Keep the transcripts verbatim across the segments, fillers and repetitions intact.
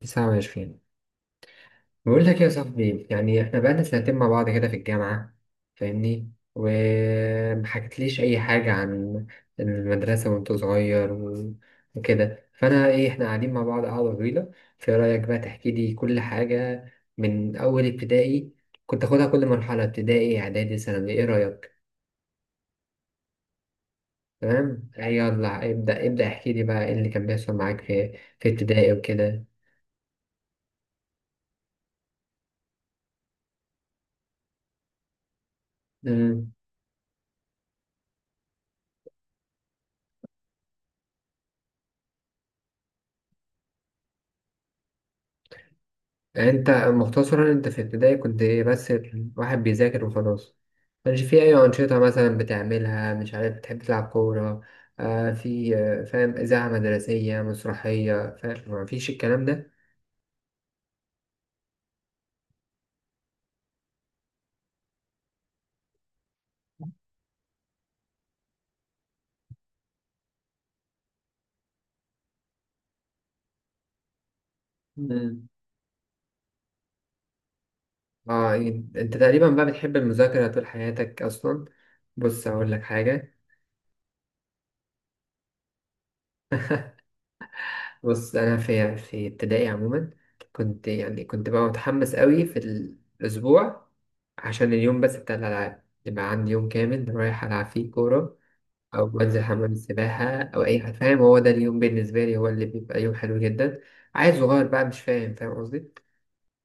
تسعة وعشرين. بقول لك يا صاحبي، يعني احنا بقالنا سنتين مع بعض كده في الجامعة. فاهمني ومحكتليش أي حاجة عن المدرسة وأنت صغير و- وكده، فأنا إيه، احنا قاعدين مع بعض قعدة طويلة. في رأيك بقى تحكي لي كل حاجة من أول ابتدائي؟ كنت آخدها كل مرحلة، ابتدائي إعدادي ثانوي، إيه رأيك؟ تمام؟ يلا ابدأ ابدأ، احكي لي بقى إيه اللي كان بيحصل معاك في في ابتدائي وكده. انت مختصرا، انت في ابتدائي كنت ايه بس؟ واحد بيذاكر وخلاص؟ مش في اي انشطه مثلا بتعملها؟ مش عارف، بتحب تلعب كوره؟ آه في آه فاهم، اذاعه مدرسيه، مسرحيه، فاهم، ما فيش الكلام ده؟ مم. اه. انت تقريبا بقى بتحب المذاكره طول حياتك اصلا. بص اقول لك حاجه. بص انا في في ابتدائي عموما كنت يعني كنت بقى متحمس قوي في الاسبوع عشان اليوم بس بتاع الالعاب، يبقى عندي يوم كامل رايح العب فيه كوره، أو بنزل حمام السباحة أو أي حاجة، فاهم، هو ده اليوم بالنسبة لي، هو اللي بيبقى يوم حلو جدا. عيل صغير بقى مش فاهم، فاهم قصدي؟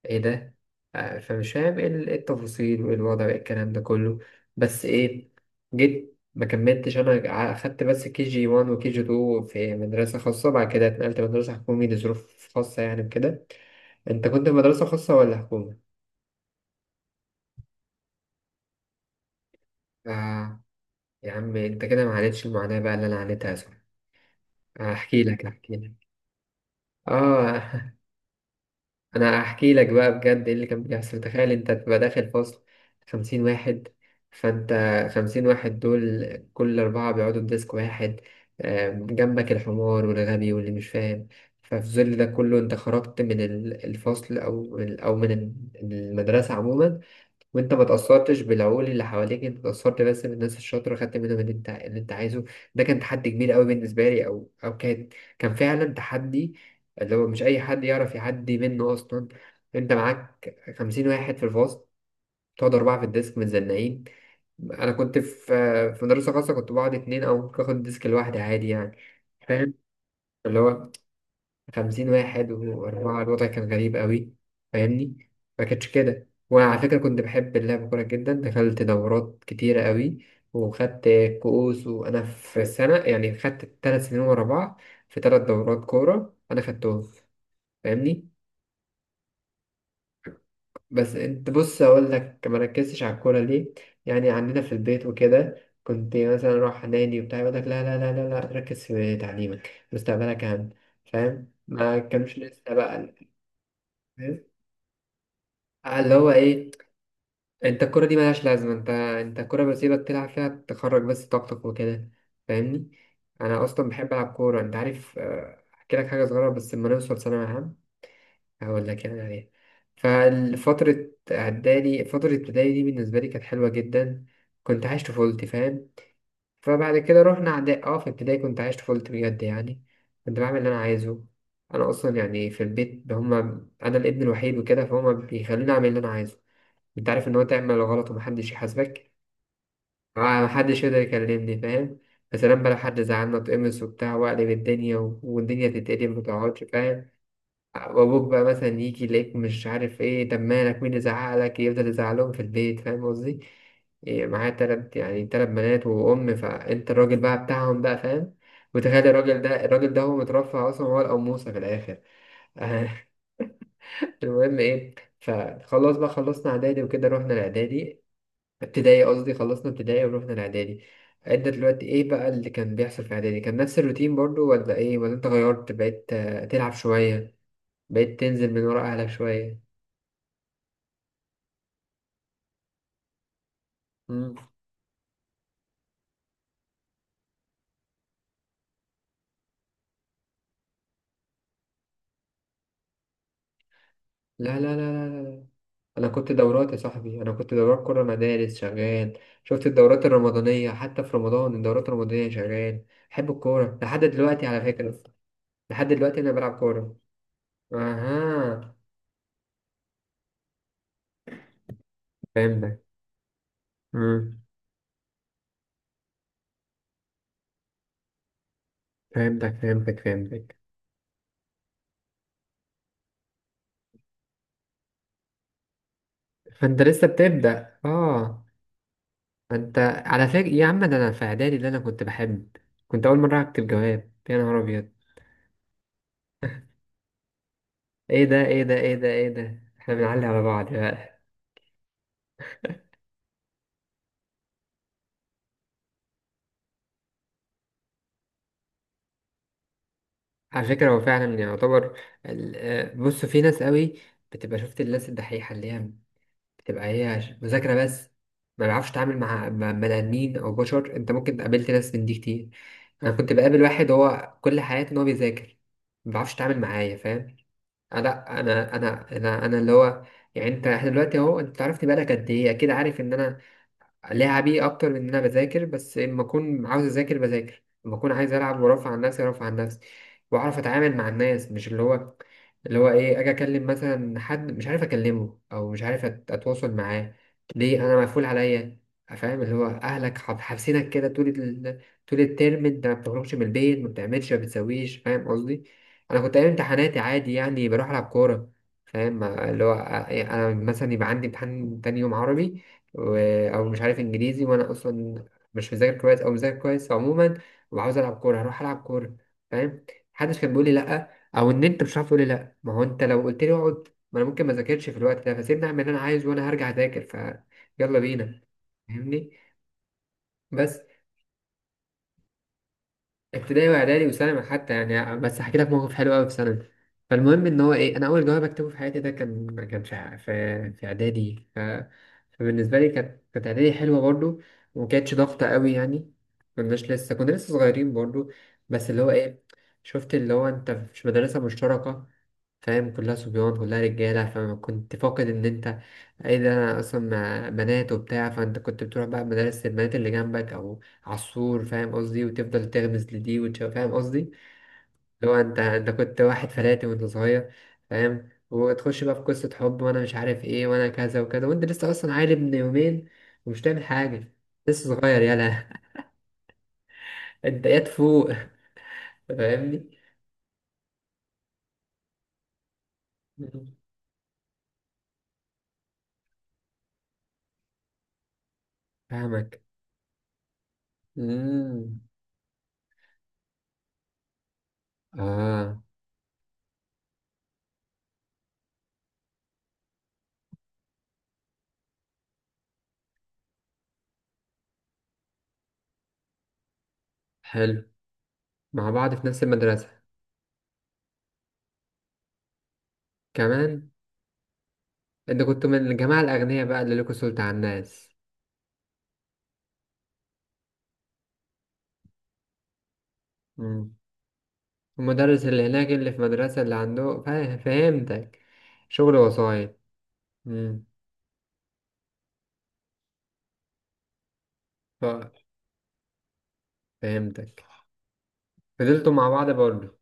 إيه ده. آه، فمش فاهم إيه ال- إيه التفاصيل وإيه الوضع وإيه الكلام ده كله. بس إيه، جيت ما كملتش، أنا ع- أخدت بس كي جي واحد وكي جي اتنين في مدرسة خاصة، بعد كده اتنقلت مدرسة حكومي لظروف خاصة يعني وكده. أنت كنت في مدرسة خاصة ولا حكومة؟ آه. يا عم أنت كده ما عانيتش المعاناة بقى اللي أنا عانيتها، صح؟ أحكي لك أحكي لك. آه. انا هحكي لك بقى بجد ايه اللي كان بيحصل. تخيل انت تبقى داخل فصل خمسين واحد. فانت خمسين واحد دول، كل اربعة بيقعدوا في ديسك واحد. آم، جنبك الحمار والغبي واللي مش فاهم. ففي ظل ده كله، انت خرجت من ال- الفصل او من- او من المدرسة عموما، وانت ما تأثرتش بالعقول اللي حواليك، انت تأثرت بس بالناس الشاطرة، خدت منهم اللي انت اللي انت عايزه. ده كان تحدي كبير قوي بالنسبة لي، او او كان، كان فعلا تحدي، اللي هو مش اي حد يعرف يعدي منه اصلا. انت معاك خمسين واحد في الفصل، تقعد أربعة في الديسك متزنقين. أنا كنت في في مدرسة خاصة، كنت بقعد اتنين أو ممكن آخد الديسك لوحدي عادي يعني. فاهم، اللي هو خمسين واحد وأربعة، الوضع كان غريب أوي، فاهمني. مكانش كده. وأنا على فكرة كنت بحب اللعب كورة جدا، دخلت دورات كتيرة أوي وخدت كؤوس، وأنا في سنة يعني خدت تلات سنين ورا بعض في تلات دورات كورة أنا خدتهم، فاهمني. بس أنت بص، أقول لك مركزتش على الكورة ليه. يعني عندنا في البيت وكده كنت مثلا أروح نادي وبتاع يقول لك لا لا لا لا لا، ركز في تعليمك، مستقبلك أهم، فاهم، ما كانش لسه بقى. آه، اللي هو ايه، انت الكرة دي ملهاش لازمة، انت انت الكرة بسيبك تلعب فيها تخرج بس طاقتك وكده، فاهمني. انا اصلا بحب العب كورة انت عارف. آه، احكي لك حاجة صغيرة، بس لما نوصل ثانوي عام هقول لك يعني عليها. فالفترة اعدادي، فترة ابتدائي دي، بالنسبة لي كانت حلوة جدا، كنت عايش طفولتي، فاهم. فبعد كده رحنا اعدادي. اه، في ابتدائي كنت عايش طفولتي بجد يعني، كنت بعمل اللي انا عايزه. انا اصلا يعني في البيت، هما انا الابن الوحيد وكده، فهما بيخلوني اعمل اللي انا عايزه. انت عارف ان هو تعمل غلط ومحدش يحاسبك. آه، محدش يقدر يكلمني، فاهم. يا سلام بقى، لو حد زعلنا اتقمص وبتاع واقلب الدنيا و- والدنيا تتقلب ومتقعدش، فاهم. وابوك بقى مثلا يجي يلاقيك مش عارف ايه، طب مالك، مين اللي زعقلك، يفضل يزعلهم في البيت، فاهم قصدي. إيه معايا تلات، يعني تلات بنات وأم، فأنت الراجل بقى بتاعهم بقى، فاهم. وتخيل الراجل ده، الراجل ده هو مترفع أصلا، هو القموصة في الآخر. المهم إيه، فخلاص بقى، خلصنا إعدادي وكده رحنا الإعدادي. ابتدائي قصدي، خلصنا ابتدائي ورحنا الاعدادي. انت دلوقتي ايه بقى اللي كان بيحصل في اعدادي؟ كان نفس الروتين برضو ولا ايه، ولا انت غيرت، بقيت، آه، تلعب شوية، بقيت تنزل من ورا اهلك شوية؟ مم. لا لا لا لا لا، انا كنت دورات يا صاحبي، انا كنت دورات كرة مدارس شغال، شفت الدورات الرمضانية حتى، في رمضان الدورات الرمضانية شغال. بحب الكورة لحد دلوقتي على فكرة، لحد دلوقتي انا بلعب كورة. اها. فهمتك. مم. فهمتك فهمتك فهمتك. فانت لسه بتبدأ، اه. انت على فكرة يا عم ده، انا في اعدادي اللي انا كنت بحب، كنت اول مرة اكتب جواب، يا نهار ابيض. ايه ده ايه ده ايه ده ايه ده، احنا بنعلي على بعض بقى. على فكرة هو فعلا يعتبر ال- آه، بص، في ناس قوي بتبقى، شفت الناس الدحيحة اللي هي بتبقى هي ش- مذاكرة بس، ما بيعرفش تعامل مع مع بني ادمين او بشر، انت ممكن قابلت ناس من دي كتير. انا كنت بقابل واحد، هو كل حياته ان هو بيذاكر، ما بيعرفش يتعامل معايا، فاهم. آه، لا، انا انا انا انا اللي هو يعني انت، احنا دلوقتي اهو، انت عرفت بقالك قد ايه، اكيد عارف ان انا لعبي اكتر من ان انا بذاكر، بس لما اكون عاوز اذاكر بذاكر، لما اكون عايز العب وارفع عن نفسي ارفع عن نفسي، واعرف اتعامل مع الناس، مش اللي هو اللي هو ايه، اجي اكلم مثلا حد مش عارف اكلمه او مش عارف أت- اتواصل معاه، ليه؟ انا مقفول عليا، فاهم، اللي هو اهلك حاب- حابسينك كده طول ال... طول الترم، انت ما بتخرجش من البيت، ما بتعملش ما بتسويش، فاهم قصدي. انا كنت ايام امتحاناتي عادي يعني، بروح العب كوره. فاهم، اللي هو أ- يعني انا مثلا يبقى عندي امتحان تاني يوم عربي و... او مش عارف انجليزي، وانا اصلا مش مذاكر كويس او مذاكر كويس عموما، وعاوز العب كوره، هروح العب كوره، فاهم. محدش كان بيقول لي لا، او ان انت مش عارف تقول لي لا، ما هو انت لو قلت لي اقعد، ما انا ممكن ما اذاكرش في الوقت ده، فسيبني اعمل اللي انا عايز وانا هرجع اذاكر. ف يلا بينا، فاهمني. بس ابتدائي واعدادي وثانوي حتى يعني، بس هحكي لك موقف حلو قوي في ثانوي. فالمهم ان هو ايه، انا اول جواب اكتبه في حياتي ده، كان ما كانش في في اعدادي ف... فبالنسبه لي، كانت كانت اعدادي حلوه برضو، وما كانتش ضغطه قوي يعني. كناش لسه كنا لسه صغيرين برضو، بس اللي هو ايه، شفت اللي هو انت في مدرسه مشتركه، فاهم، كلها صبيان كلها رجالة، فما كنت فاقد إن أنت، إيه ده، أنا أصلا مع بنات وبتاع، فأنت كنت بتروح بقى مدارس البنات اللي جنبك أو على السور، فاهم قصدي، وتفضل تغمز لدي وتشوف، فاهم قصدي، اللي هو أنت أنت كنت واحد فلاتي وأنت صغير، فاهم، وتخش بقى في قصة حب وأنا مش عارف إيه، وأنا كذا وكذا، وأنت لسه أصلا عيل ابن يومين، ومش تعمل حاجة، لسه صغير، يالا. أنت يا تفوق، فاهمني. فاهمك. مم. آه. حلو، مع بعض في نفس المدرسة. كمان. انت كنت من الجماعة الأغنياء بقى اللي لكوا سلطة على الناس. مم. المدرس اللي هناك اللي في المدرسة اللي عنده، فا- فهمتك. شغل وسايط. مم. ف- فهمتك. فضلتوا مع بعض برضه.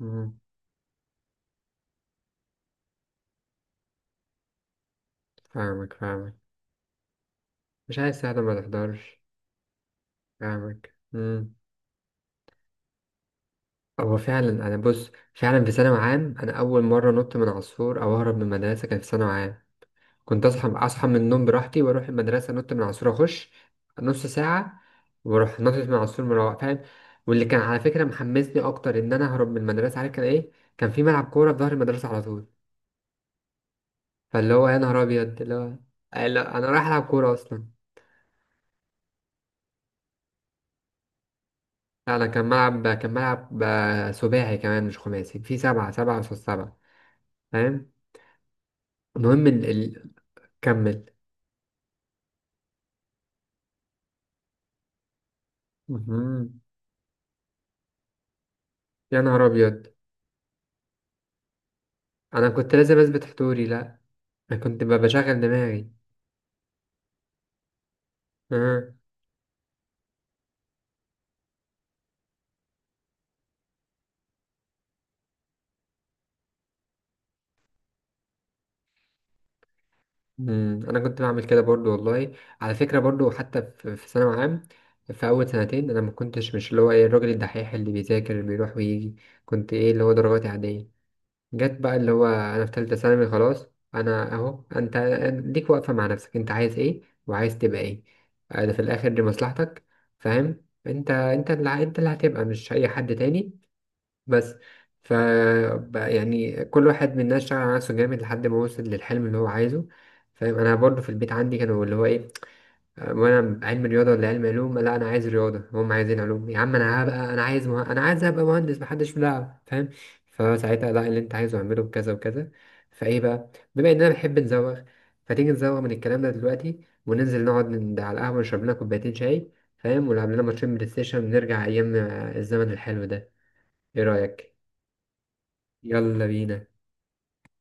مم. فاهمك فاهمك. مش عايز ساعة ما تحضرش. فاهمك. مم. هو فعلا، أنا بص فعلا في ثانوي عام، أنا أول مرة نط من عصفور أو أهرب من المدرسة كان في ثانوي عام. كنت اصحى اصحى من النوم براحتي واروح المدرسه، نط من العصفور، اخش نص ساعه واروح نطت من العصفور، مروح، فاهم. واللي كان على فكره محمسني اكتر ان انا اهرب من المدرسه، عارف كان ايه؟ كان في ملعب كوره في ظهر المدرسه على طول. فاللي هو يا نهار ابيض، اللي هو آه، لا انا رايح العب كوره اصلا. لا انا، كان ملعب كان ملعب آه، سباعي كمان، مش خماسي، في سبعه سبعه قصاد سبعه، فاهم. المهم ال... ال... كمل. مهم. يا نهار ابيض، انا كنت لازم اثبت حضوري لا، انا كنت ب- بشغل دماغي. مم، انا كنت بعمل كده برضو والله، على فكره برضو، حتى في في ثانوي عام، في اول سنتين انا ما كنتش مش اللي هو ايه الراجل الدحيح اللي بيذاكر اللي بيروح ويجي، كنت ايه، اللي هو درجاتي عاديه. جت بقى اللي هو، انا في ثالثه ثانوي خلاص، انا اهو، انت ليك واقفه مع نفسك، انت عايز ايه وعايز تبقى ايه؟ انا في الاخر دي مصلحتك، فاهم، انت انت اللي ع- انت اللي هتبقى، مش اي حد تاني. بس ف بقى يعني كل واحد مننا اشتغل على نفسه جامد لحد ما وصل للحلم اللي هو عايزه. فاهم، انا برضه في البيت عندي كانوا اللي هو ايه، "أه، وانا علم رياضه ولا علم علوم، لا انا عايز رياضه، هم عايزين علوم، يا عم انا هبقى، انا عايز مه... انا عايز ابقى مهندس، محدش في دعوه، فاهم. فساعتها لا، اللي انت عايزه اعمله بكذا وكذا. فايه بقى، بما اننا بنحب نزوغ، فتيجي نزوغ من الكلام ده دلوقتي، وننزل نقعد ند- على القهوه، نشرب لنا كوبايتين شاي، فاهم، ونلعب لنا ماتشين بلاي ستيشن، ونرجع ايام الزمن الحلو ده. ايه رايك؟ يلا بينا.